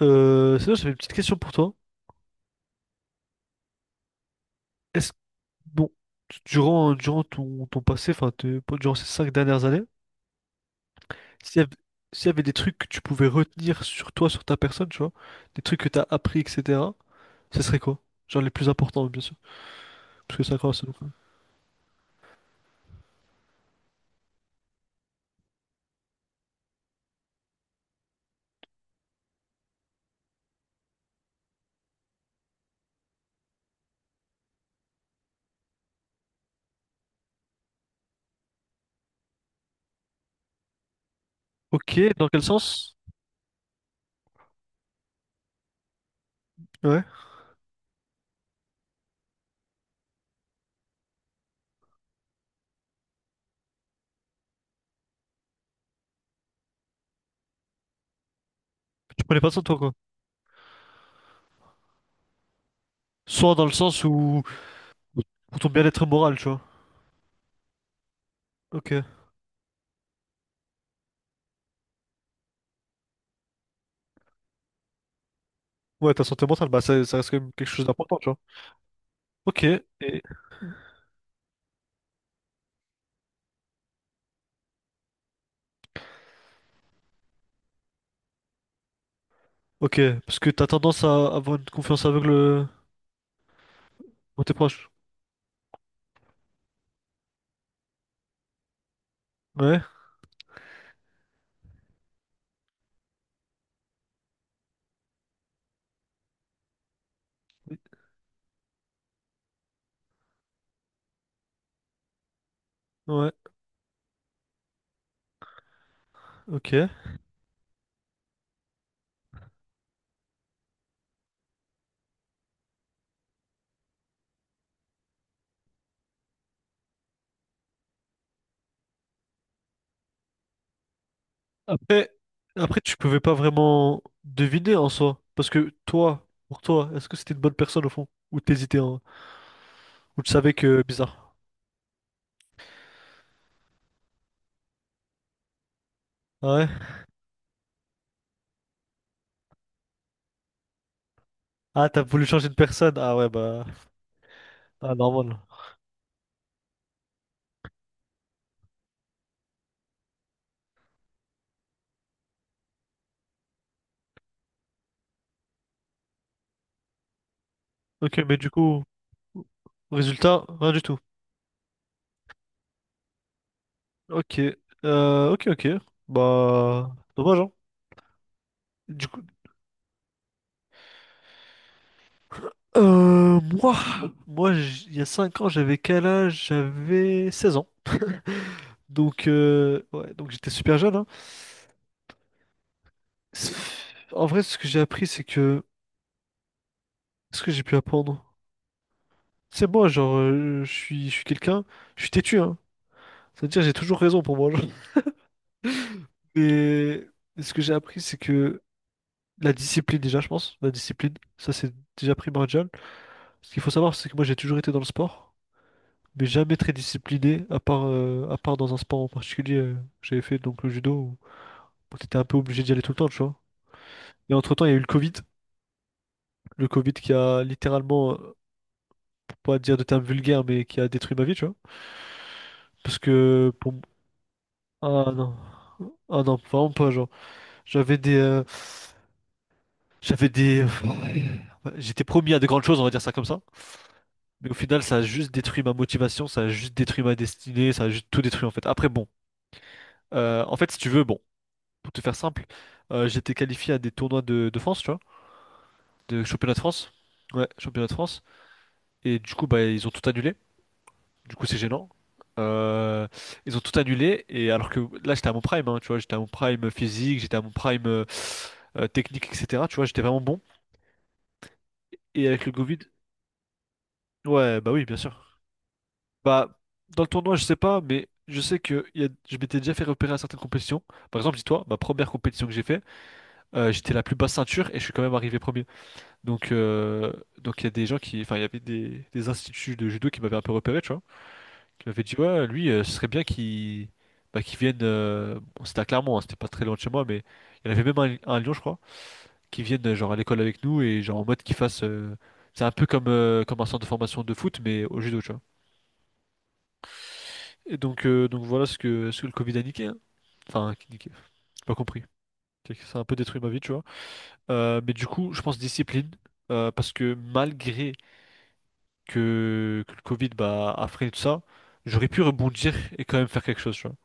Sinon, j'avais une petite question pour toi. Est-ce bon, durant ton passé, enfin, durant ces 5 dernières années, s'il y avait, s'il y avait des trucs que tu pouvais retenir sur toi, sur ta personne, tu vois, des trucs que t'as appris, etc., ce serait quoi? Genre les plus importants, bien sûr, parce que 5 ans, c'est long quand même. Ok, dans quel sens? Ouais. Tu prenais pas soin de toi, quoi. Soit dans le sens où, pour ton bien-être moral, tu vois. Ok. Ouais, ta santé mentale, bah ça, ça reste quand même quelque chose d'important, tu vois. Ok. Et... Ok, parce que t'as tendance à avoir une confiance aveugle. On t'es proche. Ouais. Oui. Ouais. Ok. Après, après, tu pouvais pas vraiment deviner en soi. Parce que toi, pour toi, est-ce que c'était une bonne personne au fond? Ou t'hésitais, hein? Ou tu savais que bizarre. Ah, ouais. Ah, t'as voulu changer de personne. Ah ouais, bah. Ah, normal. Ok, mais du coup, résultat, rien du tout. Ok. Ok, ok. Bah, dommage, hein. Du coup. Euh, moi, moi, il y a 5 ans, j'avais quel âge? J'avais 16 ans. Donc, ouais, donc j'étais super jeune, hein. C'est- En vrai, ce que j'ai appris, c'est que... Ce que j'ai pu apprendre. C'est moi, genre, je suis quelqu'un, je suis têtu, hein. C'est-à-dire, j'ai toujours raison pour moi, genre. Mais ce que j'ai appris, c'est que la discipline, déjà, je pense, la discipline, ça c'est déjà primordial. Ce qu'il faut savoir, c'est que moi, j'ai toujours été dans le sport, mais jamais très discipliné, à part dans un sport en particulier que j'avais fait, donc le judo, où, où t'étais un peu obligé d'y aller tout le temps, tu vois. Et entre-temps, il y a eu le Covid qui a littéralement, pas dire de termes vulgaires, mais qui a détruit ma vie, tu vois. Parce que pour m- Ah non, ah non, vraiment pas, genre. J'avais des, euh, j'avais des, j'étais promis à de grandes choses, on va dire ça comme ça. Mais au final, ça a juste détruit ma motivation, ça a juste détruit ma destinée, ça a juste tout détruit en fait. Après bon, en fait si tu veux, bon, pour te faire simple, j'étais qualifié à des tournois de France, tu vois, de championnat de France. Ouais, championnat de France. Et du coup, bah ils ont tout annulé. Du coup, c'est gênant. Euh, ils ont tout annulé. Et alors que là, j'étais à mon prime, hein, tu vois, j'étais à mon prime physique, j'étais à mon prime technique, etc. Tu vois, j'étais vraiment bon. Et avec le Covid, ouais, bah oui, bien sûr. Bah, dans le tournoi, je sais pas, mais je sais que je m'étais déjà fait repérer à certaines compétitions. Par exemple, dis-toi, ma première compétition que j'ai fait, j'étais la plus basse ceinture et je suis quand même arrivé premier. Donc, euh, donc il y a des gens qui, enfin, il y avait des instituts de judo qui m'avaient un peu repéré, tu vois. Qui m'avait dit ouais lui ce serait bien qu'il, bah, qu'il vienne bon, c'était à Clermont hein, c'était pas très loin de chez moi, mais il y en avait même un à Lyon je crois, qui vienne genre à l'école avec nous et genre en mode qu'il fasse c'est un peu comme comme un centre de formation de foot mais au judo, tu vois. Et donc voilà ce que le Covid a niqué, hein. Enfin qui niqué, j'ai pas compris. C'est que ça a un peu détruit ma vie, tu vois. Mais du coup je pense discipline, parce que malgré que le Covid, bah, a freiné tout ça, j'aurais pu rebondir et quand même faire quelque chose, tu vois.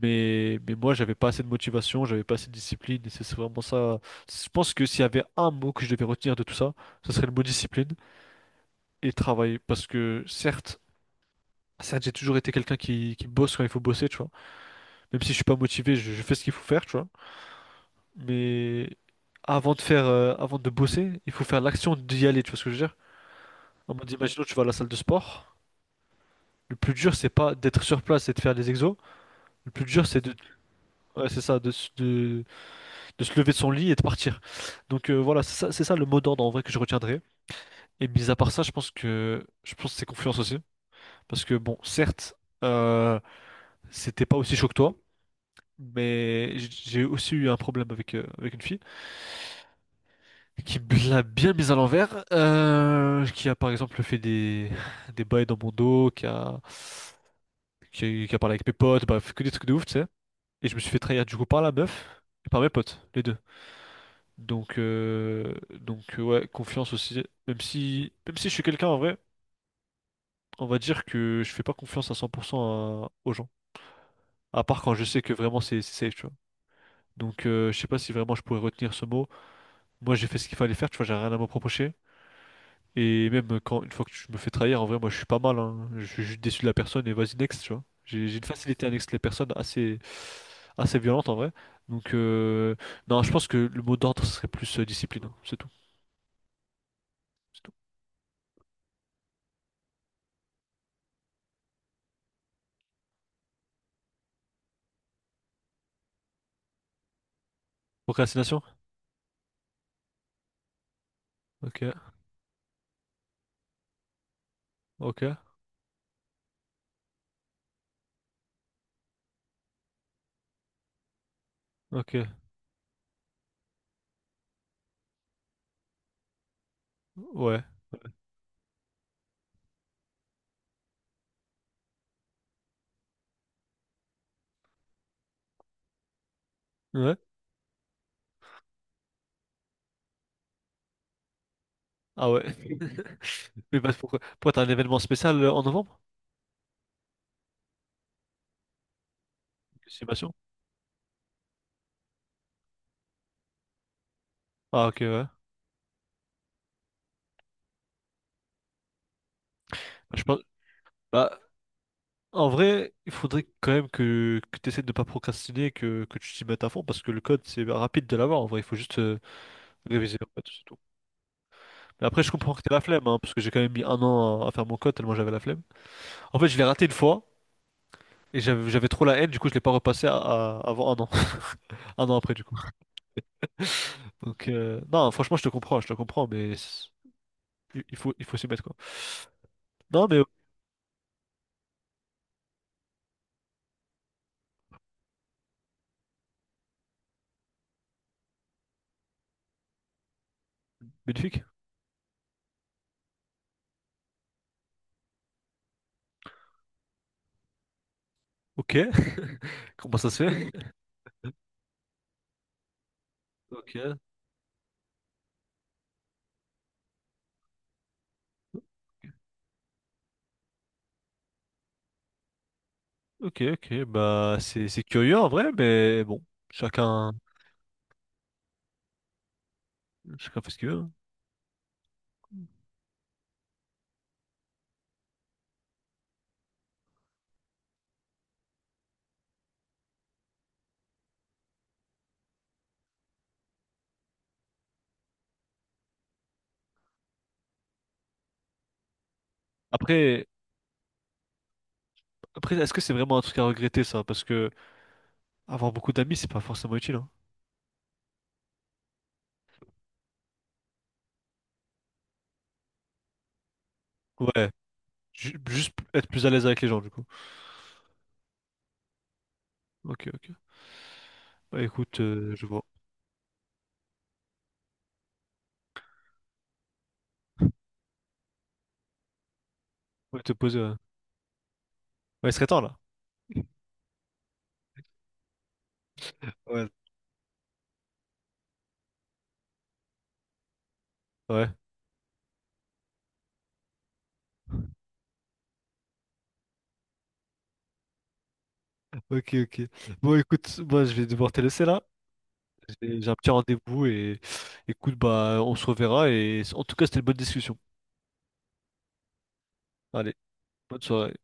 Mais moi, j'avais pas assez de motivation, j'avais pas assez de discipline, et c'est vraiment ça. Je pense que s'il y avait un mot que je devais retenir de tout ça, ce serait le mot discipline et travail. Parce que certes, certes, j'ai toujours été quelqu'un qui bosse quand il faut bosser, tu vois. Même si je suis pas motivé, je fais ce qu'il faut faire, tu vois. Mais avant de faire, avant de bosser, il faut faire l'action d'y aller, tu vois ce que je veux dire? En mode, imaginons, tu vas à la salle de sport. Le plus dur, c'est pas d'être sur place et de faire les exos. Le plus dur, c'est de, ouais, c'est ça, de se lever de son lit et de partir. Donc voilà, c'est ça le mot d'ordre en vrai que je retiendrai. Et mis à part ça, je pense que c'est confiance aussi, parce que bon, certes, euh, c'était pas aussi chaud que toi, mais j'ai aussi eu un problème avec avec une fille qui me l'a bien mise à l'envers, qui a par exemple fait des bails dans mon dos, qui a parlé avec mes potes, bref, que des trucs de ouf, tu sais. Et je me suis fait trahir du coup par la meuf et par mes potes, les deux. Donc, ouais, confiance aussi. Même si je suis quelqu'un en vrai, on va dire que je fais pas confiance à 100% aux gens. À part quand je sais que vraiment c'est safe, tu vois. Donc, je sais pas si vraiment je pourrais retenir ce mot. Moi, j'ai fait ce qu'il fallait faire, tu vois, j'ai rien à me reprocher. Et même quand, une fois que je me fais trahir, en vrai, moi, je suis pas mal, hein. Je suis juste déçu de la personne et vas-y, next, tu vois. J'ai une facilité à next les personnes assez, assez violente en vrai. Donc, non, je pense que le mot d'ordre serait plus discipline, hein. C'est tout. C'est tout. Procrastination? Ok. Ok, ok, ouais, ouais, ah ouais. Mais bah, pourquoi, pourquoi t'as un événement spécial en novembre? Estimation? Ah ok, ouais. Bah, je pense, bah, en vrai, il faudrait quand même que tu essaies de ne pas procrastiner, que tu t'y mettes à fond, parce que le code, c'est rapide de l'avoir, en vrai, il faut juste réviser, en fait, c'est tout. Mais après, je comprends que t'aies la flemme, hein, parce que j'ai quand même mis un an à faire mon code, tellement j'avais la flemme. En fait, je l'ai raté une fois, et j'avais trop la haine, du coup, je l'ai pas repassé avant un an, un an après, du coup. Donc, non, franchement, je te comprends, mais... il faut s'y mettre, quoi. Non, mais magnifique. Ok. Comment ça se fait? Ok, ok, ok. Bah, c'est curieux en vrai, mais bon, chacun, chacun fait ce qu'il veut, hein. Après, après, est-ce que c'est vraiment un truc à regretter, ça? Parce que avoir beaucoup d'amis, c'est pas forcément utile, hein. Ouais. Juste être plus à l'aise avec les gens, du coup. Ok, ok. Bah, écoute, je vois. Ouais, te poser. Ouais, ouais, il serait temps, là. Ouais. Ouais. Ok, ok. Bon, écoute, moi, je vais devoir te laisser, là. J'ai un petit rendez-vous et écoute, bah, on se reverra et en tout cas, c'était une bonne discussion. Allez, bonne soirée.